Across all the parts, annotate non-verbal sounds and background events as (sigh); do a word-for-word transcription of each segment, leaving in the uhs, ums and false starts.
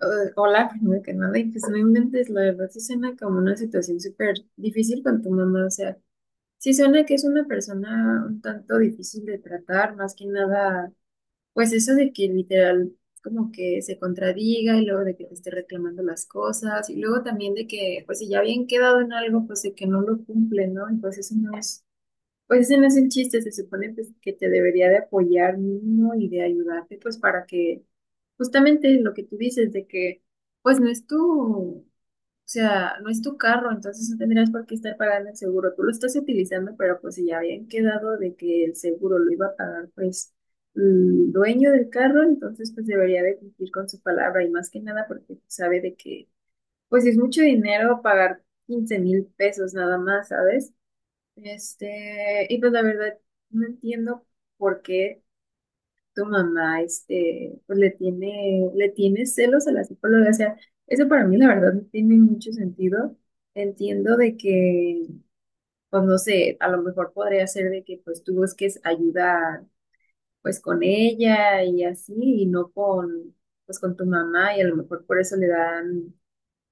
Eh, Hola, primero que nada, y pues no inventes, la verdad sí suena como una situación súper difícil con tu mamá, o sea, sí suena que es una persona un tanto difícil de tratar, más que nada, pues eso de que literal como que se contradiga y luego de que te esté reclamando las cosas y luego también de que pues si ya habían quedado en algo, pues de que no lo cumple, ¿no? Y pues eso no es pues ese no es el chiste, se supone pues, que te debería de apoyar mínimo y de ayudarte, pues para que justamente lo que tú dices de que pues no es tu, o sea, no es tu carro, entonces no tendrías por qué estar pagando el seguro, tú lo estás utilizando, pero pues si ya habían quedado de que el seguro lo iba a pagar pues el dueño del carro, entonces pues debería de cumplir con su palabra y más que nada porque sabe de que pues si es mucho dinero pagar quince mil pesos nada más, ¿sabes? Este, y pues la verdad no entiendo por qué tu mamá este, pues le tiene, le tiene celos a la psicóloga. O sea, eso para mí la verdad no tiene mucho sentido. Entiendo de que, pues no sé, a lo mejor podría ser de que pues tú busques ayuda pues con ella y así, y no con, pues con tu mamá, y a lo mejor por eso le dan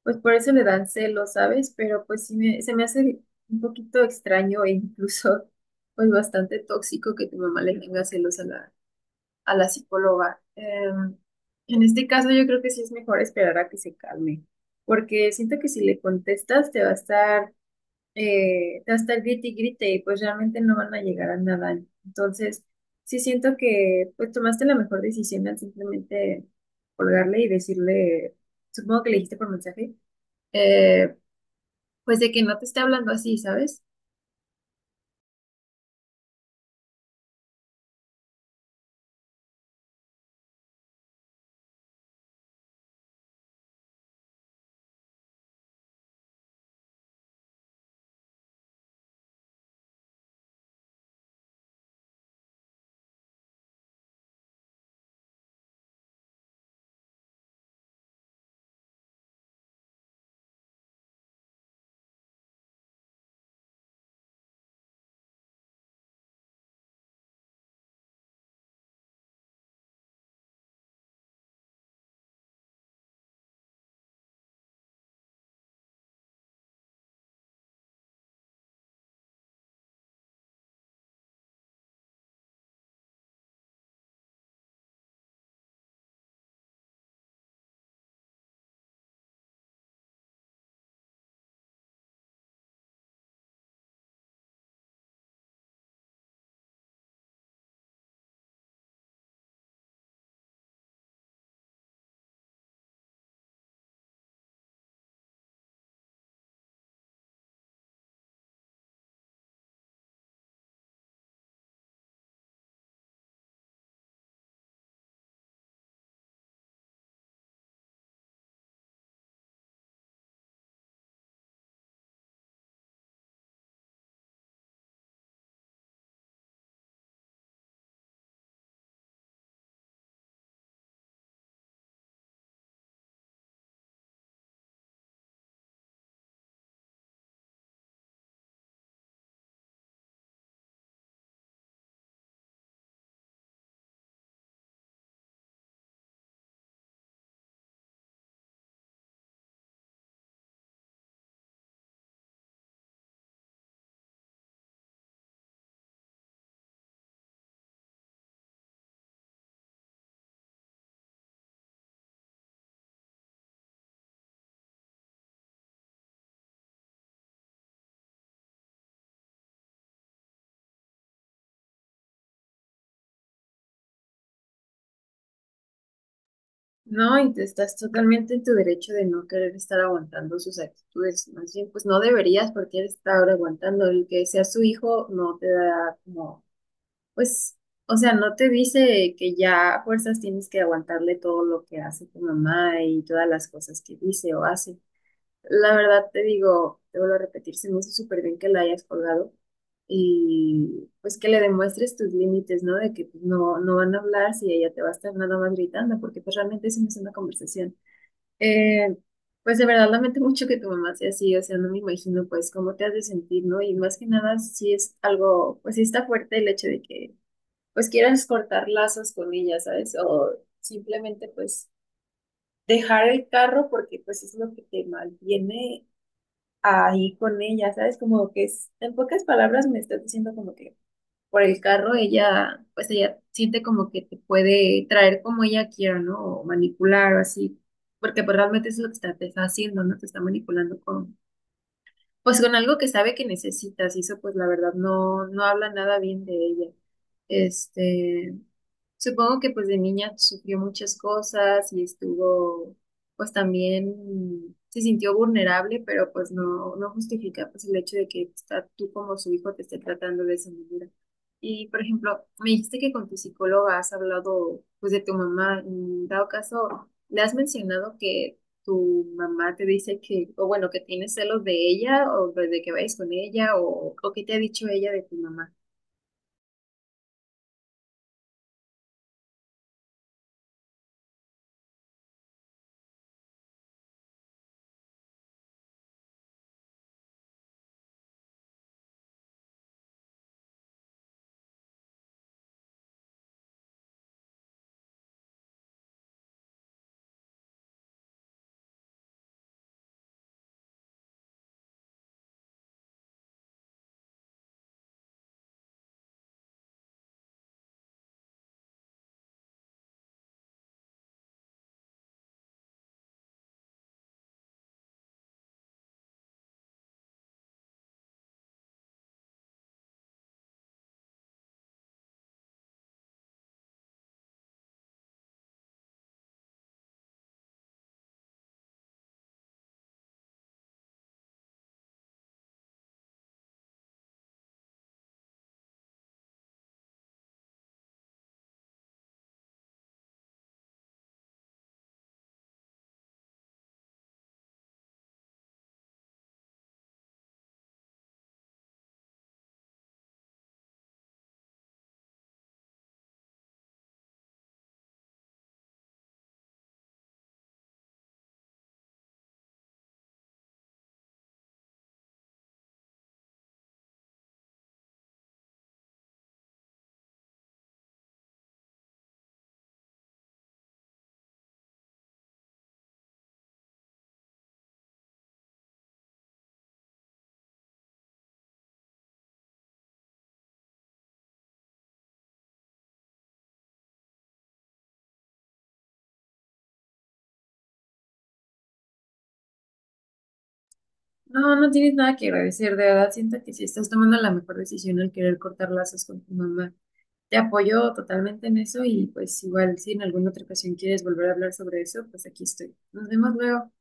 pues por eso le dan celos, ¿sabes? Pero pues sí me, se me hace un poquito extraño e incluso (laughs) pues bastante tóxico que tu mamá le tenga celos a la, a la psicóloga. Em, en este caso yo creo que sí es mejor esperar a que se calme, porque siento que si le contestas te va a estar, eh, te va a estar grite y grite y pues realmente no van a llegar a nada. Entonces sí siento que pues tomaste la mejor decisión al simplemente colgarle y decirle, supongo que le dijiste por mensaje eh, pues de que no te esté hablando así, ¿sabes? No, y te estás totalmente en tu derecho de no querer estar aguantando sus actitudes. Más bien, pues no deberías porque él está ahora aguantando. El que sea su hijo no te da como, pues, o sea, no te dice que ya a fuerzas tienes que aguantarle todo lo que hace tu mamá y todas las cosas que dice o hace. La verdad te digo, te vuelvo a repetir, se me hizo súper bien que la hayas colgado y pues que le demuestres tus límites, ¿no? De que pues, no, no van a hablar si ella te va a estar nada más gritando, porque pues realmente eso no es una conversación. Eh, pues de verdad lamento mucho que tu mamá sea así, o sea, no me imagino pues cómo te has de sentir, ¿no? Y más que nada sí es algo, pues sí está fuerte el hecho de que pues quieras cortar lazos con ella, ¿sabes? O simplemente pues dejar el carro porque pues es lo que te malviene ahí con ella, ¿sabes? Como que es, en pocas palabras me estás diciendo como que por el carro ella, pues ella siente como que te puede traer como ella quiera, ¿no? O manipular o así, porque pues realmente es lo que está, te está haciendo, ¿no? Te está manipulando con, pues con algo que sabe que necesitas y eso pues la verdad no, no habla nada bien de ella. Este, supongo que pues de niña sufrió muchas cosas y estuvo, pues también se sintió vulnerable, pero pues no, no justifica pues el hecho de que está, tú como su hijo te esté tratando de esa manera. Y por ejemplo, me dijiste que con tu psicóloga has hablado pues de tu mamá, en dado caso, ¿le has mencionado que tu mamá te dice que, o bueno, que tienes celos de ella o de de que vayas con ella o, o qué te ha dicho ella de tu mamá? No, no tienes nada que agradecer, de verdad siento que si estás tomando la mejor decisión al querer cortar lazos con tu mamá. Te apoyo totalmente en eso y pues igual si en alguna otra ocasión quieres volver a hablar sobre eso, pues aquí estoy. Nos vemos luego.